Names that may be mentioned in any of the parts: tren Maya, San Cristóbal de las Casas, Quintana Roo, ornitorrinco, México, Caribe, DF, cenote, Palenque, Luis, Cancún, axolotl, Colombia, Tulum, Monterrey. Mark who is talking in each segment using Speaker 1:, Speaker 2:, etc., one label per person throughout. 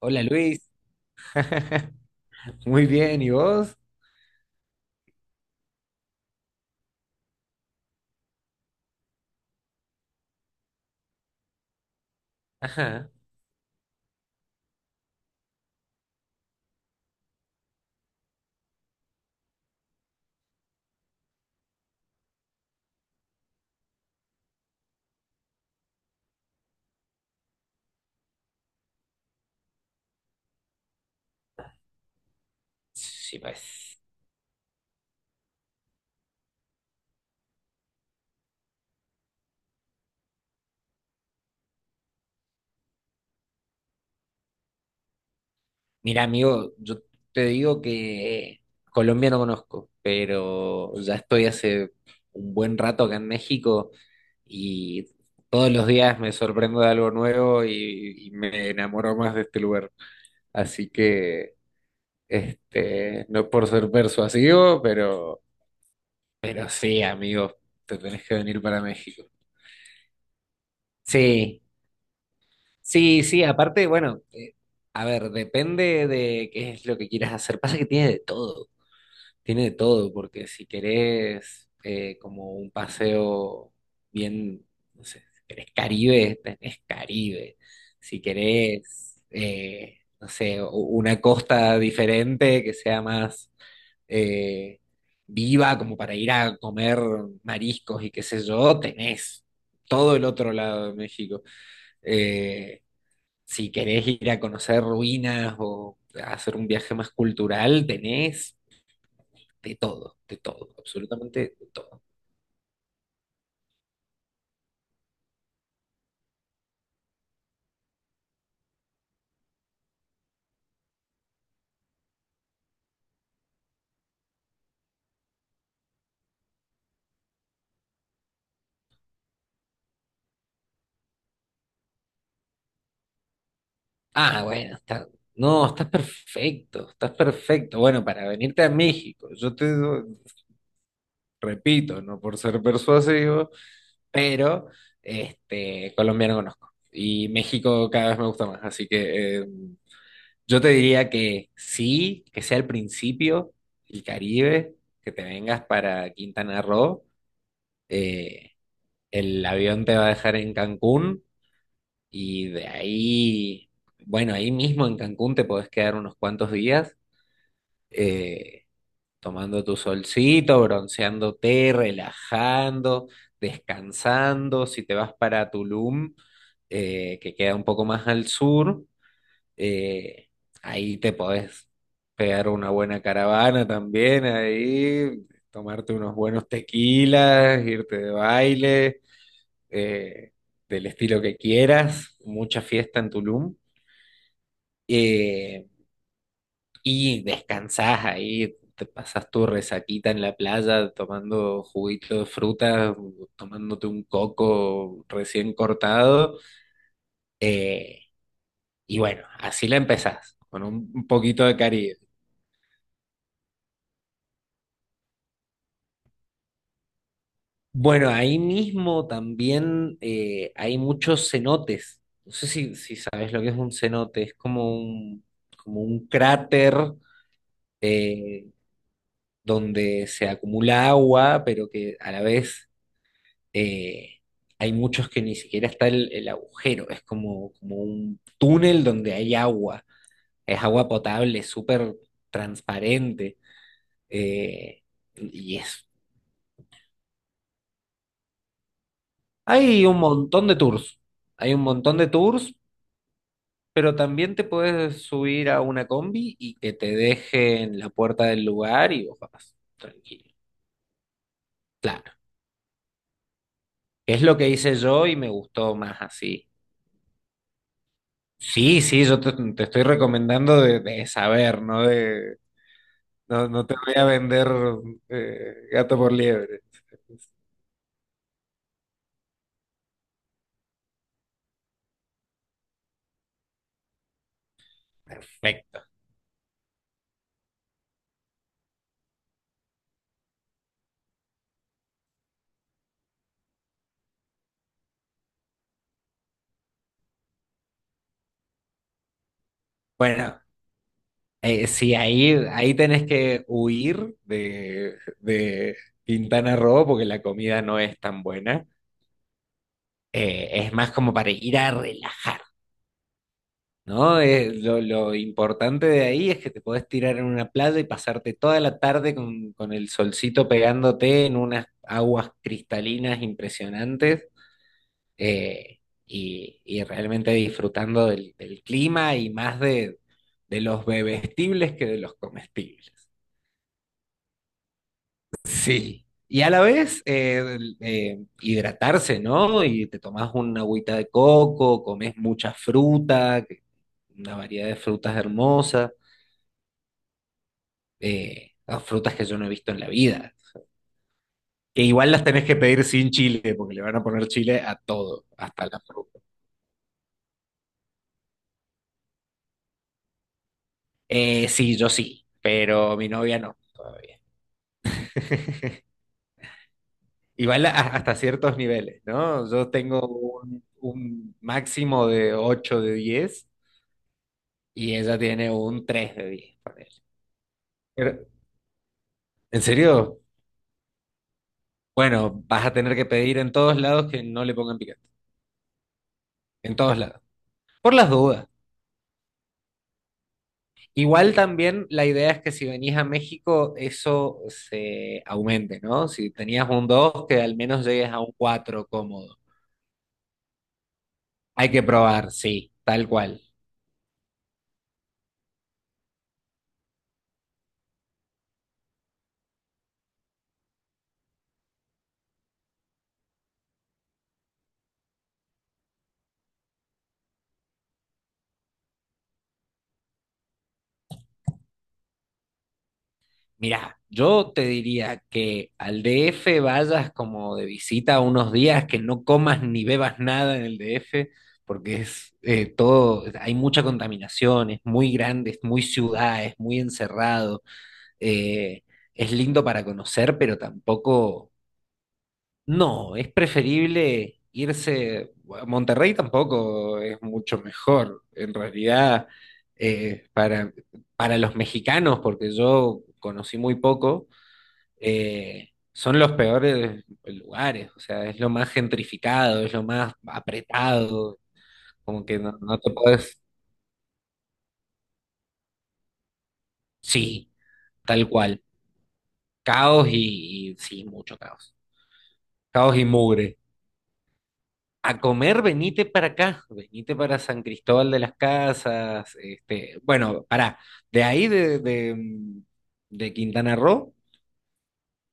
Speaker 1: Hola Luis, muy bien, ¿y vos? Ajá. Sí, pues. Mira, amigo, yo te digo que Colombia no conozco, pero ya estoy hace un buen rato acá en México y todos los días me sorprendo de algo nuevo y me enamoro más de este lugar. Así que, no por ser persuasivo, pero sí, amigo, te tenés que venir para México. Sí. Sí, sí, aparte, bueno, a ver, depende de qué es lo que quieras hacer. Pasa que tiene de todo, porque si querés como un paseo bien, no sé, si querés Caribe, tenés Caribe. Si querés, no sé, una costa diferente que sea más eh, viva, como para ir a comer mariscos y qué sé yo, tenés todo el otro lado de México. Eh, si querés ir a conocer ruinas o a hacer un viaje más cultural, tenés de todo, absolutamente de todo. Ah, bueno, está, no, estás perfecto, estás perfecto. Bueno, para venirte a México, repito, no por ser persuasivo, pero Colombia no conozco. Y México cada vez me gusta más, así que yo te diría que sí, que sea el principio, el Caribe, que te vengas para Quintana Roo eh, el avión te va a dejar en Cancún y de ahí, bueno, ahí mismo en Cancún te podés quedar unos cuantos días eh, tomando tu solcito, bronceándote, relajando, descansando. Si te vas para Tulum, que queda un poco más al sur, eh, ahí te podés pegar una buena caravana también, ahí tomarte unos buenos tequilas, irte de baile eh, del estilo que quieras, mucha fiesta en Tulum, eh, y descansás ahí, te pasas tu resaquita en la playa tomando juguito de fruta, tomándote un coco recién cortado, eh, y bueno, así la empezás, con un poquito de Caribe. Bueno, ahí mismo también hay muchos cenotes. No sé si sabes lo que es un cenote, es como como un cráter eh, donde se acumula agua, pero que a la vez eh, hay muchos que ni siquiera está el agujero, es como, como un túnel donde hay agua, es agua potable, súper transparente, eh, y es... Hay un montón de tours, hay un montón de tours, pero también te puedes subir a una combi y que te dejen la puerta del lugar y vos vas tranquilo. Claro, es lo que hice yo y me gustó más así. Sí, sí, yo te estoy recomendando de saber, ¿no? De, no, no te voy a vender gato por liebre. Perfecto. Bueno, sí, ahí, ahí tenés que huir de Quintana Roo porque la comida no es tan buena. Es más como para ir a relajar, ¿no? Lo importante de ahí es que te podés tirar en una playa y pasarte toda la tarde con el solcito pegándote en unas aguas cristalinas impresionantes eh, y realmente disfrutando del clima y más de los bebestibles que de los comestibles. Sí. Y a la vez hidratarse, ¿no? Y te tomás una agüita de coco, comes mucha fruta, que- una variedad de frutas hermosas, las frutas que yo no he visto en la vida. Que igual las tenés que pedir sin chile, porque le van a poner chile a todo, hasta la fruta. Sí, yo sí, pero mi novia no, todavía. Igual hasta ciertos niveles, ¿no? Yo tengo un máximo de 8 de 10 y ella tiene un 3 de 10. Ponele. Pero, ¿en serio? Bueno, vas a tener que pedir en todos lados que no le pongan picante. En todos lados. Por las dudas. Igual también la idea es que si venís a México, eso se aumente, ¿no? Si tenías un 2 que al menos llegues a un 4 cómodo. Hay que probar, sí, tal cual. Mira, yo te diría que al DF vayas como de visita unos días, que no comas ni bebas nada en el DF, porque es todo, hay mucha contaminación, es muy grande, es muy ciudad, es muy encerrado, eh, es lindo para conocer, pero tampoco, no, es preferible irse, a Monterrey tampoco es mucho mejor, en realidad, eh, para, para los mexicanos, porque yo conocí muy poco son los peores lugares, o sea, es lo más gentrificado, es lo más apretado, como que no, no te puedes, sí, tal cual, caos y sí, mucho caos, caos y mugre. A comer, venite para acá, venite para San Cristóbal de las Casas, este, bueno, pará, de ahí de Quintana Roo.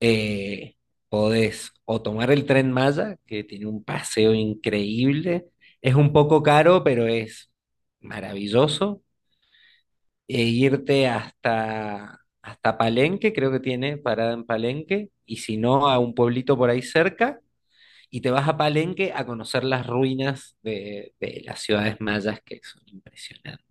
Speaker 1: Eh, podés o tomar el tren Maya, que tiene un paseo increíble. Es un poco caro, pero es maravilloso. E irte hasta Palenque, creo que tiene parada en Palenque, y si no, a un pueblito por ahí cerca. Y te vas a Palenque a conocer las ruinas de las ciudades mayas, que son impresionantes.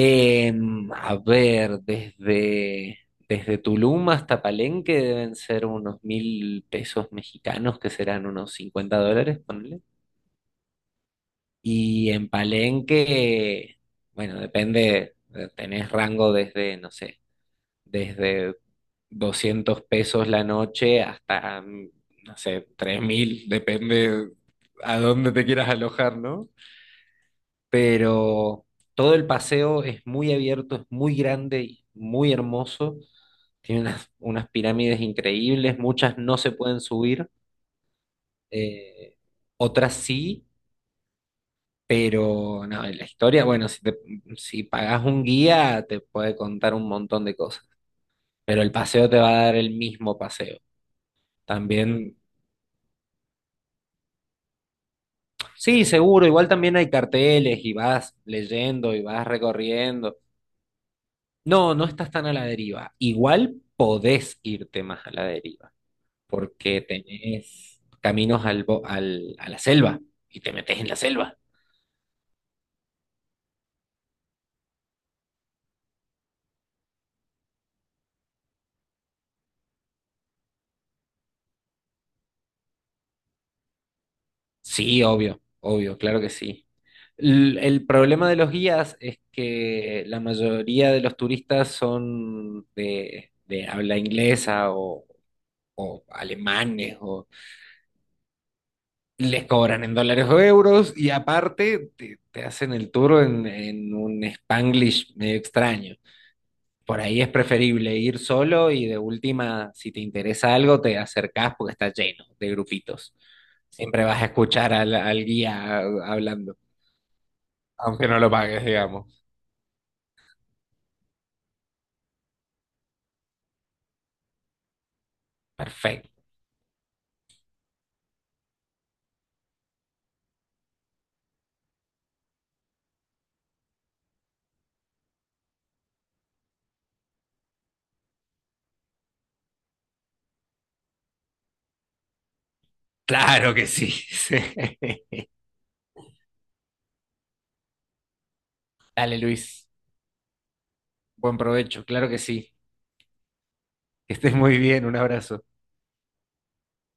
Speaker 1: A ver, desde Tulum hasta Palenque deben ser unos 1000 pesos mexicanos, que serán unos 50 dólares, ponle. Y en Palenque, bueno, depende, tenés rango desde, no sé, desde 200 pesos la noche hasta, no sé, 3000, depende a dónde te quieras alojar, ¿no? Pero todo el paseo es muy abierto, es muy grande y muy hermoso. Tiene unas, unas pirámides increíbles, muchas no se pueden subir, eh, otras sí, pero no, la historia, bueno, si, te, si pagás un guía te puede contar un montón de cosas, pero el paseo te va a dar el mismo paseo. También, sí, seguro, igual también hay carteles y vas leyendo y vas recorriendo. No, no estás tan a la deriva. Igual podés irte más a la deriva, porque tenés caminos a la selva y te metes en la selva. Sí, obvio, obvio, claro que sí. El problema de los guías es que la mayoría de los turistas son de habla inglesa o alemanes, o les cobran en dólares o euros y aparte te hacen el tour en un Spanglish medio extraño. Por ahí es preferible ir solo y de última, si te interesa algo, te acercás porque está lleno de grupitos. Siempre vas a escuchar al, al guía hablando, aunque no lo pagues, digamos. Perfecto. Claro que sí. Sí. Dale, Luis. Buen provecho. Claro que sí. Que estés muy bien. Un abrazo.